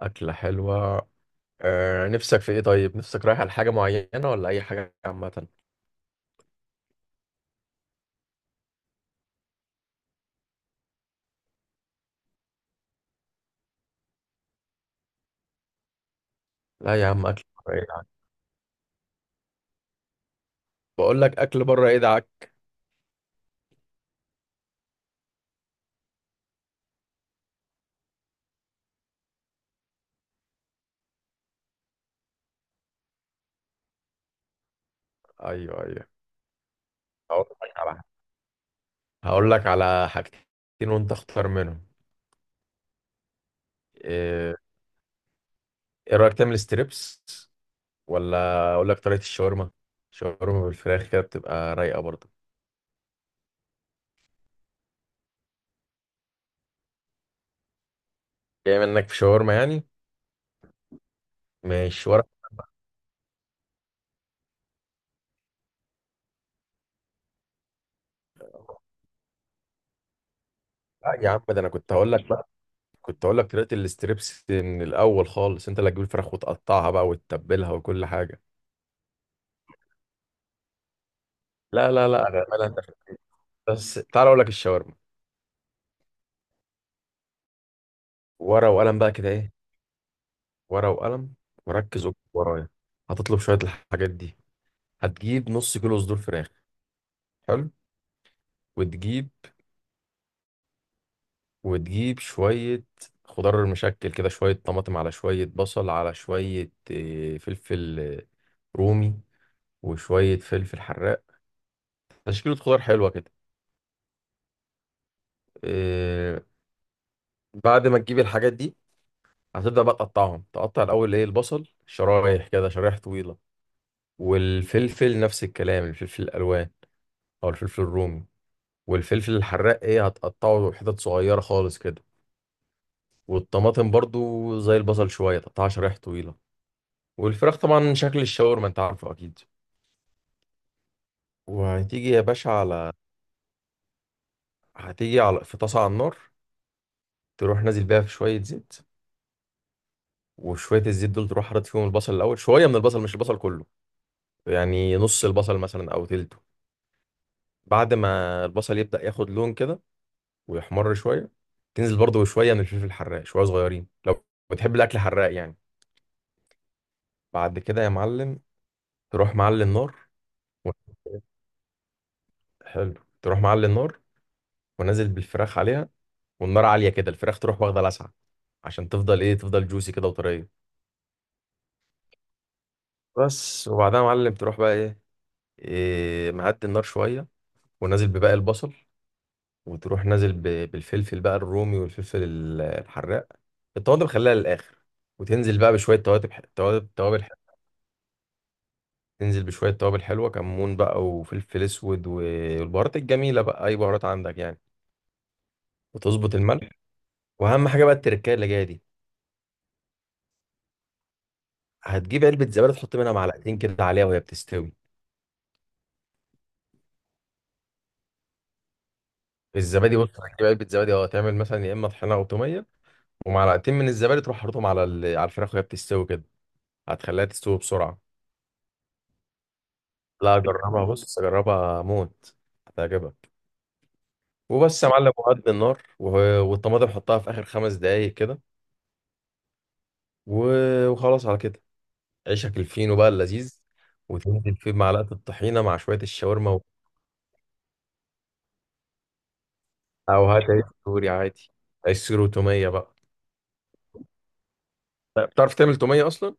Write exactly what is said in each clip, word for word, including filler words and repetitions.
أكلة حلوة. أه، نفسك في إيه طيب؟ نفسك رايح على حاجة معينة ولا أي حاجة عامة؟ لا يا عم، أكل بره يدعك. بقول لك أكل بره يدعك. أيوه، أيوه. هقول لك على هقول لك على حاجتين وأنت اختار منهم. إيه إيه رأيك تعمل ستريبس ولا أقول لك طريقة الشاورما؟ شاورما بالفراخ كده بتبقى رايقة برضه. جاي منك في شاورما يعني؟ مش ورق. لا يا عم، ده أنا كنت هقول لك بقى كنت هقول لك طريقة الستريبس من الأول خالص، أنت اللي هتجيب الفراخ وتقطعها بقى وتتبلها وكل حاجة. لا لا لا، انا أنا- أنت- بس تعال اقول لك الشاورما. ورقه وقلم بقى كده ايه، ورقه وقلم، وركز واكتب ورايا. هتطلب شويه الحاجات دي. هتجيب نص كيلو صدور فراخ. حلو. وتجيب وتجيب شويه خضار مشكل كده، شويه طماطم على شويه بصل على شويه آه، فلفل آه، رومي، وشويه فلفل حراق. تشكيله خضار حلوه كده. آه، بعد ما تجيب الحاجات دي هتبدا بقى تقطعهم. تقطع الاول ايه، البصل شرايح كده، شرايح طويله. والفلفل نفس الكلام، الفلفل الالوان او الفلفل الرومي. والفلفل الحراق ايه هتقطعه حتت صغيره خالص كده. والطماطم برضو زي البصل، شويه تقطعها شرايح طويله. والفراخ طبعا شكل الشاورما انت عارفه اكيد. وهتيجي يا باشا على، هتيجي على في طاسه على النار، تروح نازل بيها في شويه زيت. وشويه الزيت دول تروح حاطط فيهم البصل الاول، شويه من البصل مش البصل كله، يعني نص البصل مثلا او تلته. بعد ما البصل يبدأ ياخد لون كده ويحمر شويه، تنزل برضه شويه من الفلفل الحراق، شويه صغيرين لو بتحب الاكل حراق يعني. بعد كده يا معلم، تروح معلي النار و... حلو. تروح معلي النار ونازل بالفراخ عليها. والنار عاليه كده، الفراخ تروح واخده لسعه عشان تفضل ايه، تفضل جوسي كده وطريه. بس. وبعدها يا معلم تروح بقى ايه، إيه معدي النار شويه ونازل بباقي البصل، وتروح نازل ب... بالفلفل بقى الرومي والفلفل ال- الحراق. الطماطم خليها للاخر. وتنزل بقى بشويه توابل، توابل توابل، تنزل بشوية توابل حلوة، كمون بقى وفلفل أسود والبهارات الجميلة بقى أي بهارات عندك يعني. وتظبط الملح. وأهم حاجة بقى التركاية اللي جاية دي. هتجيب علبة زبادي تحط منها معلقتين كده عليها وهي بتستوي. الزبادي بص، هتجيب علبة زبادي اه تعمل مثلا يا إما طحينة أو تومية. ومعلقتين من الزبادي تروح حاططهم على ال- على الفراخ وهي بتستوي كده. هتخليها تستوي بسرعة. لا، جربها، بص جربها موت، هتعجبك. وبس يا معلم، وهد النار و- والطماطم حطها في آخر خمس دقايق كده. و- وخلاص على كده. عيشك الفينو بقى اللذيذ وتنزل فيه بمعلقة الطحينة مع شوية الشاورما و... أو هات عيش سوري عادي. عيش سوري وتومية بقى. لا، بتعرف تعمل تومية أصلا؟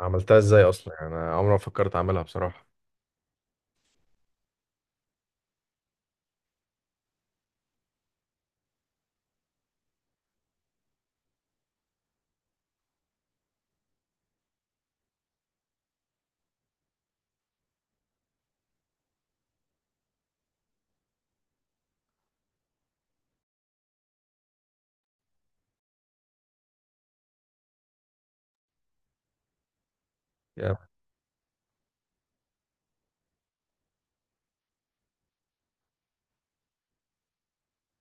عملتها إزاي أصلا؟ يعني أنا عمري ما فكرت أعملها بصراحة. يا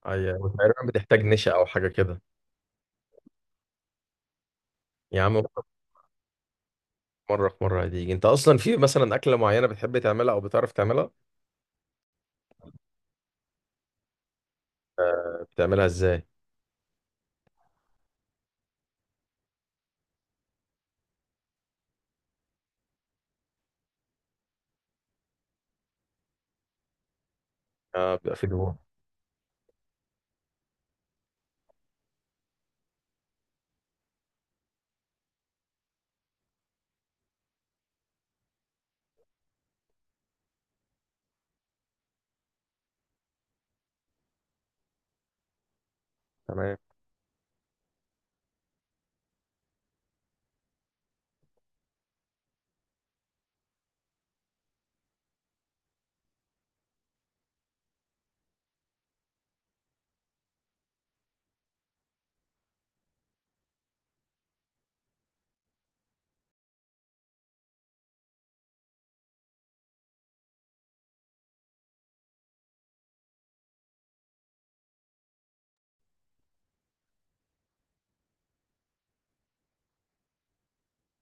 أي تقريبا بتحتاج نشا أو حاجة كده. يا عم، مرة في مرة هتيجي أنت أصلا في مثلا أكلة معينة بتحب تعملها أو بتعرف تعملها؟ آه، بتعملها إزاي؟ آه بيبقى في دهون. تمام.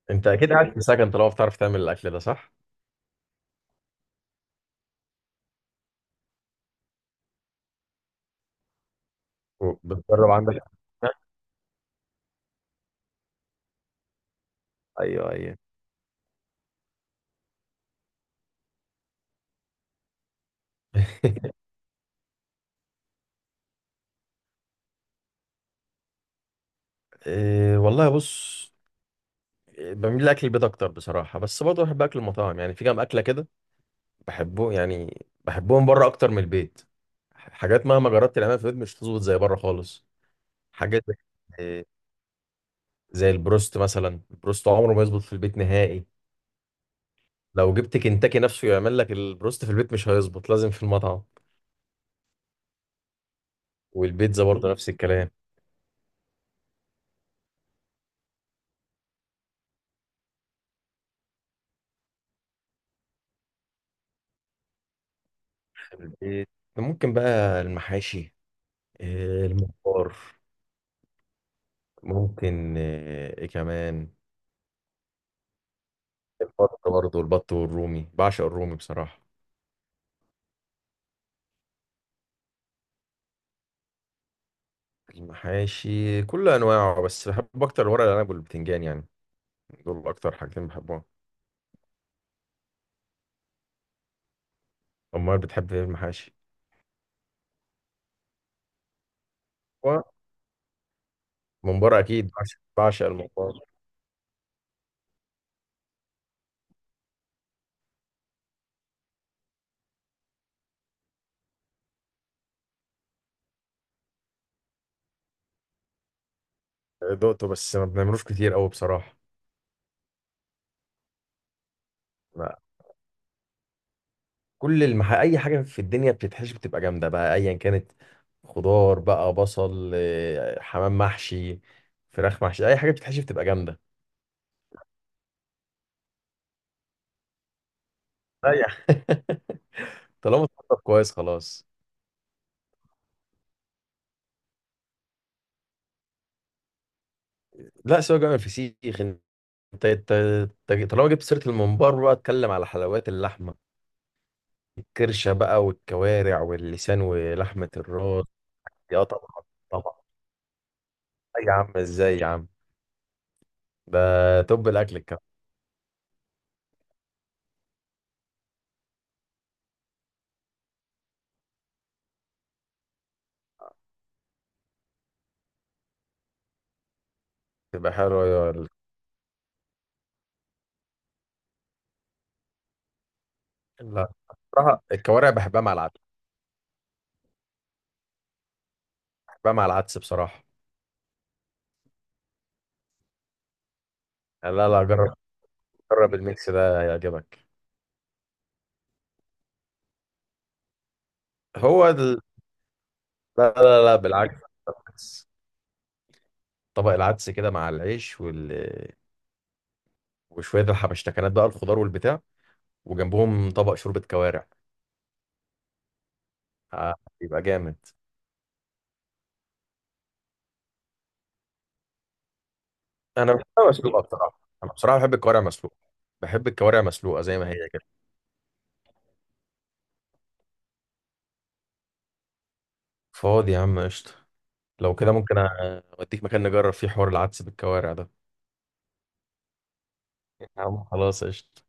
أنت أكيد قاعد في سكن طالما بتعرف تعمل الأكل ده صح؟ وبتجرب عندك. أيوه، أيوه. إيه والله، بص، بميل لاكل البيت اكتر بصراحه، بس برضه بحب اكل المطاعم يعني، في كام اكله كده بحبه يعني، بحبهم بره اكتر من البيت. حاجات مهما جربت تعملها في البيت مش هتظبط زي بره خالص. حاجات زي زي البروست مثلا. البروست عمره ما يظبط في البيت نهائي. لو جبت كنتاكي نفسه يعمل لك البروست في البيت مش هيظبط، لازم في المطعم. والبيتزا برضه نفس الكلام. البيت ممكن بقى المحاشي، آه، الممبار، ممكن آه، ايه كمان. البط برضه، البط والرومي، بعشق الرومي بصراحه. المحاشي كل انواعه، بس بحب اكتر الورق العنب والبتنجان يعني، دول اكتر حاجتين بحبهم. امال بتحب ايه المحاشي؟ هو ممبار اكيد، بعشق بعشق الممبار. دقته بس ما بنعملوش كتير قوي بصراحه. لا. كل المح... اي حاجه في الدنيا بتتحشي بتبقى جامده بقى ايا كانت. خضار بقى، بصل، آه، حمام محشي، فراخ محشي، اي حاجه بتتحشي بتبقى جامده. لا يعني. طالما اتحطت كويس خلاص. لا، سواء جامد الفسيخ. انت انت انت طالما جبت سيره الممبار بقى اتكلم على حلويات اللحمه، الكرشه بقى والكوارع واللسان ولحمه الراس. يا طبعا، طبعا. أي يا عم، ازاي يا عم؟ ده توب الاكل الكلام. تبقى حلوه يا ال- لا. بصراحه الكوارع بحبها مع العدس بحبها مع العدس بصراحه. لا لا، جرب، جرب الميكس ده هيعجبك. هو ال... لا لا لا، بالعكس، بالعكس. طبق العدس كده مع العيش وال... وشويه الحبشتكنات بقى الخضار والبتاع، وجنبهم طبق شوربه كوارع. آه، يبقى جامد. انا بحبها مسلوقه بصراحه، انا بصراحه بحب الكوارع مسلوقه بحب الكوارع مسلوقه زي ما هي كده. فاضي يا عم قشطه. لو كده ممكن أ- اوديك مكان نجرب فيه حوار العدس بالكوارع ده. يا عم خلاص قشطه.